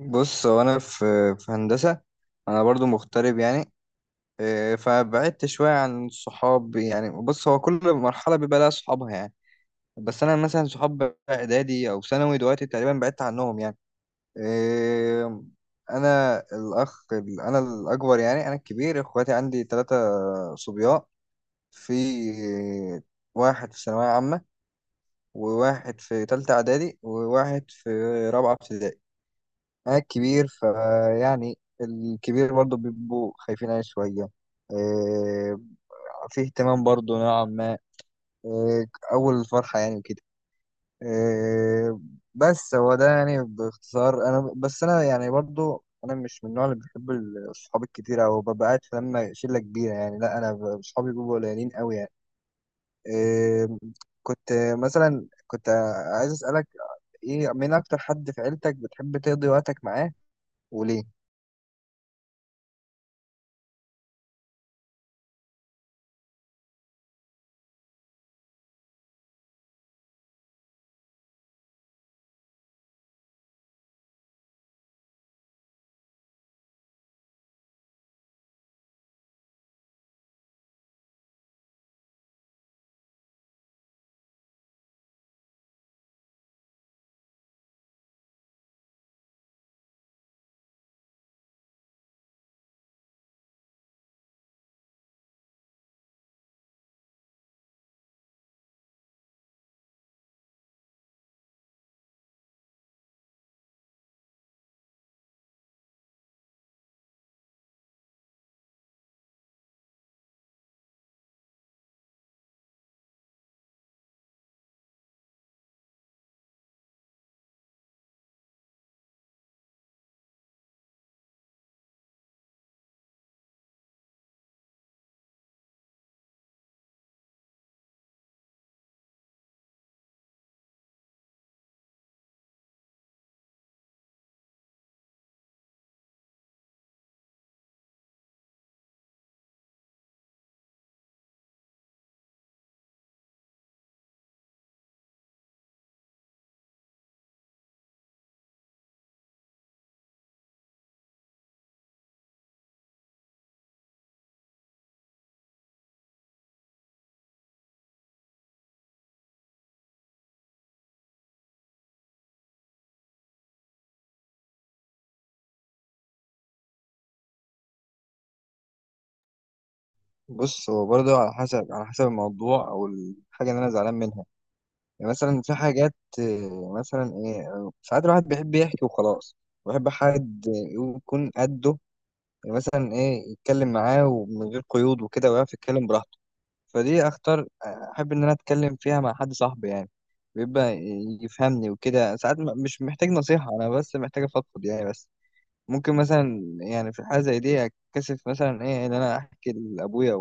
بص، هو انا في هندسه. انا برضو مغترب يعني إيه، فبعدت شويه عن الصحاب يعني. بص، هو كل مرحله بيبقى لها صحابها يعني. بس انا مثلا صحاب اعدادي او ثانوي دلوقتي تقريبا بعدت عنهم يعني. إيه، انا الاخ انا الاكبر يعني، انا الكبير. اخواتي عندي 3 صبيان. في واحد في ثانويه عامه، وواحد في ثالثه اعدادي، وواحد في رابعه ابتدائي. أنا الكبير، فيعني الكبير برضه بيبقوا خايفين عليه شوية. إيه، في اهتمام برضه نوعا ما. إيه، أول الفرحة يعني وكده. إيه، بس هو ده يعني باختصار. أنا بس أنا يعني برضه أنا مش من النوع اللي بيحب الصحاب الكتير، أو ببقى قاعد في لما شلة كبيرة يعني. لا، أنا صحابي بيبقوا قليلين أوي يعني. إيه، كنت مثلا كنت عايز أسألك إيه، مين أكتر حد في عيلتك بتحب تقضي وقتك معاه، وليه؟ بص، هو برضه على حسب الموضوع او الحاجه اللي انا زعلان منها. يعني مثلا في حاجات مثلا ايه، ساعات الواحد بيحب يحكي وخلاص. بيحب حد يكون قده، يعني مثلا ايه، يتكلم معاه ومن غير قيود وكده، ويعرف يتكلم براحته. فدي اختار احب ان انا اتكلم فيها مع حد صاحبي يعني. بيبقى يفهمني وكده. ساعات مش محتاج نصيحه انا، بس محتاج افضفض يعني. بس ممكن مثلا يعني في حاجه زي دي اتكسف مثلا ايه ان انا احكي لابويا.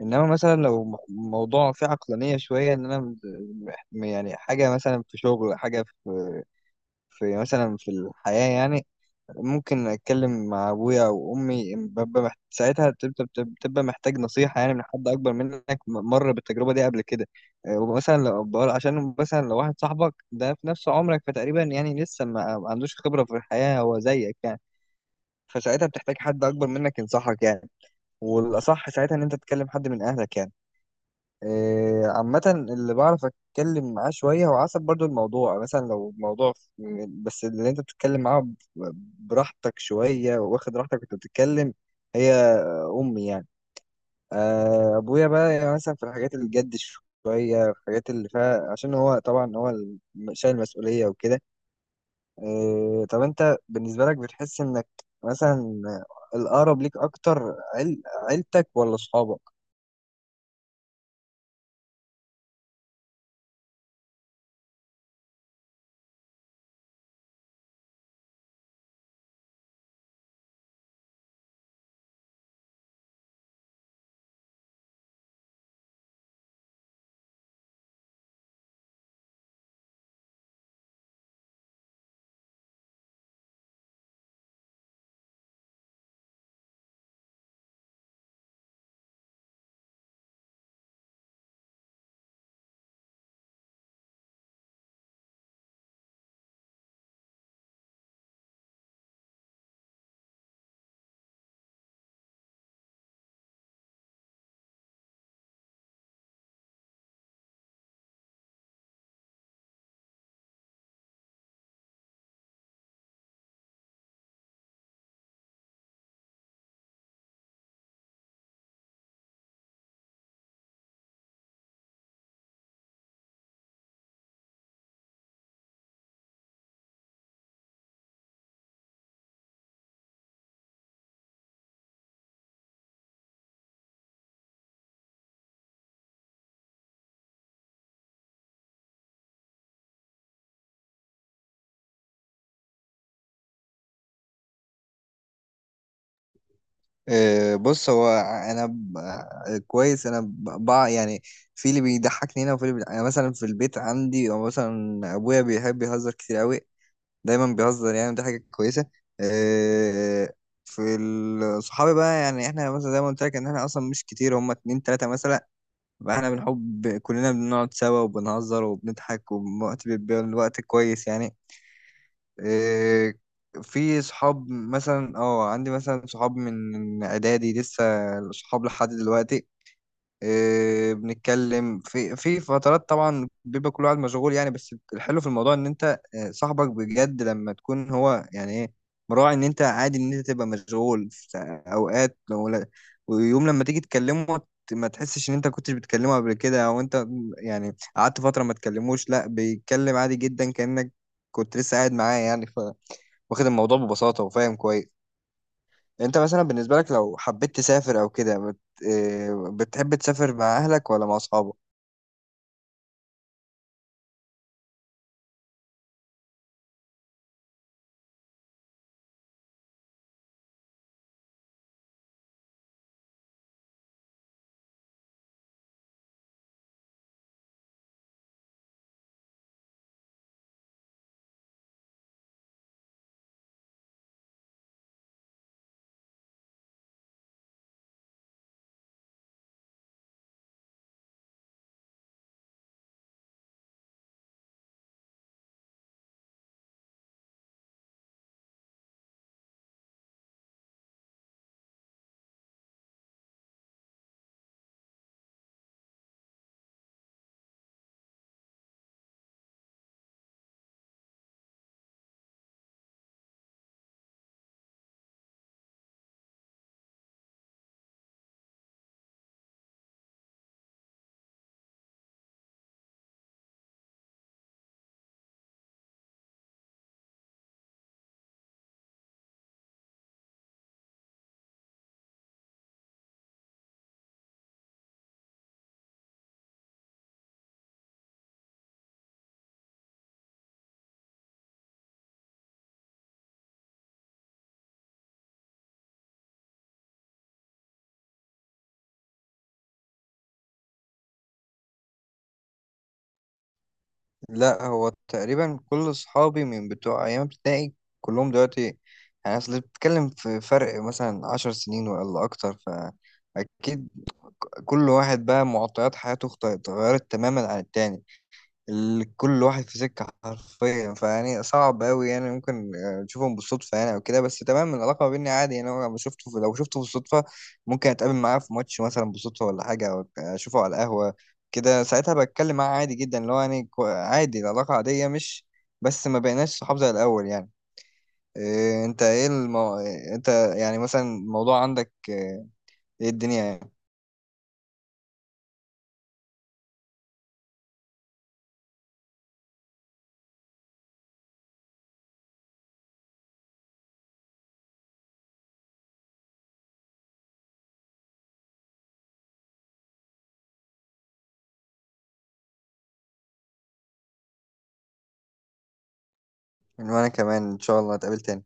انما مثلا لو موضوع فيه عقلانيه شويه ان انا، يعني حاجه مثلا في شغل، حاجه في مثلا في الحياه يعني، ممكن اتكلم مع ابويا او امي. ساعتها بتبقى محتاج نصيحه يعني، من حد اكبر منك مر بالتجربه دي قبل كده. آه، ومثلا عشان مثلا لو واحد صاحبك ده في نفس عمرك، فتقريبا يعني لسه ما عندوش خبره في الحياه، هو زيك يعني. فساعتها بتحتاج حد اكبر منك ينصحك يعني، والاصح ساعتها ان انت تتكلم حد من اهلك يعني. إيه، عامة اللي بعرف أتكلم معاه شوية، هو حسب برضو الموضوع. مثلا لو موضوع بس اللي أنت بتتكلم معاه براحتك شوية، واخد راحتك وأنت بتتكلم، هي أمي يعني. آه، أبويا بقى يعني مثلا في الحاجات اللي جد شوية، في الحاجات اللي فيها، عشان هو طبعا هو شايل مسؤولية وكده. إيه، طب أنت بالنسبة لك بتحس إنك مثلا الأقرب ليك أكتر عيلتك ولا أصحابك؟ آه، بص، هو انا كويس انا بقى يعني. في اللي بيضحكني هنا وفي اللي بيضحك. انا مثلا في البيت عندي، او مثلا ابويا بيحب يهزر كتير قوي، دايما بيهزر يعني، دي حاجه كويسه. آه، في صحابي بقى يعني، احنا مثلا زي ما قلت لك، ان احنا اصلا مش كتير، هم اتنين تلاته مثلا. فاحنا بنحب كلنا بنقعد سوا وبنهزر وبنضحك، ووقت بيبقى الوقت كويس يعني. إيه، في صحاب مثلا اه، عندي مثلا صحاب من اعدادي، لسه صحاب لحد دلوقتي. إيه، بنتكلم في فترات طبعا، بيبقى كل واحد مشغول يعني. بس الحلو في الموضوع ان انت، صاحبك بجد لما تكون هو يعني ايه، مراعي ان انت عادي ان انت تبقى مشغول في اوقات. لو لا- ويوم لما تيجي تكلمه، ما تحسش ان انت كنتش بتكلمه قبل كده، او انت يعني قعدت فترة ما تكلموش. لا، بيتكلم عادي جدا كأنك كنت لسه قاعد معاه يعني، واخد الموضوع ببساطة وفاهم كويس يعني. انت مثلا بالنسبة لك لو حبيت تسافر او كده بت... آه، بتحب تسافر مع اهلك ولا مع اصحابك؟ لا، هو تقريبا كل اصحابي من بتوع ايام ابتدائي، كلهم دلوقتي يعني. اصل بتتكلم في فرق مثلا 10 سنين ولا اكتر، فاكيد كل واحد بقى معطيات حياته اتغيرت تماما عن التاني. كل واحد في سكة حرفيا، فيعني صعب أوي يعني. ممكن تشوفهم بالصدفة يعني أو كده، بس تمام، العلاقة ما بيني عادي يعني. لو شفته بالصدفة، ممكن أتقابل معاه في ماتش مثلا بالصدفة ولا حاجة، أو أشوفه على القهوة كده، ساعتها بتكلم معاه عادي جدا، اللي هو يعني عادي، العلاقة عادية، مش بس ما بقيناش صحاب زي الأول يعني. إيه، أنت إيه المو... إيه أنت يعني مثلا الموضوع عندك إيه، إيه الدنيا يعني. وأنا كمان إن شاء الله نتقابل تاني.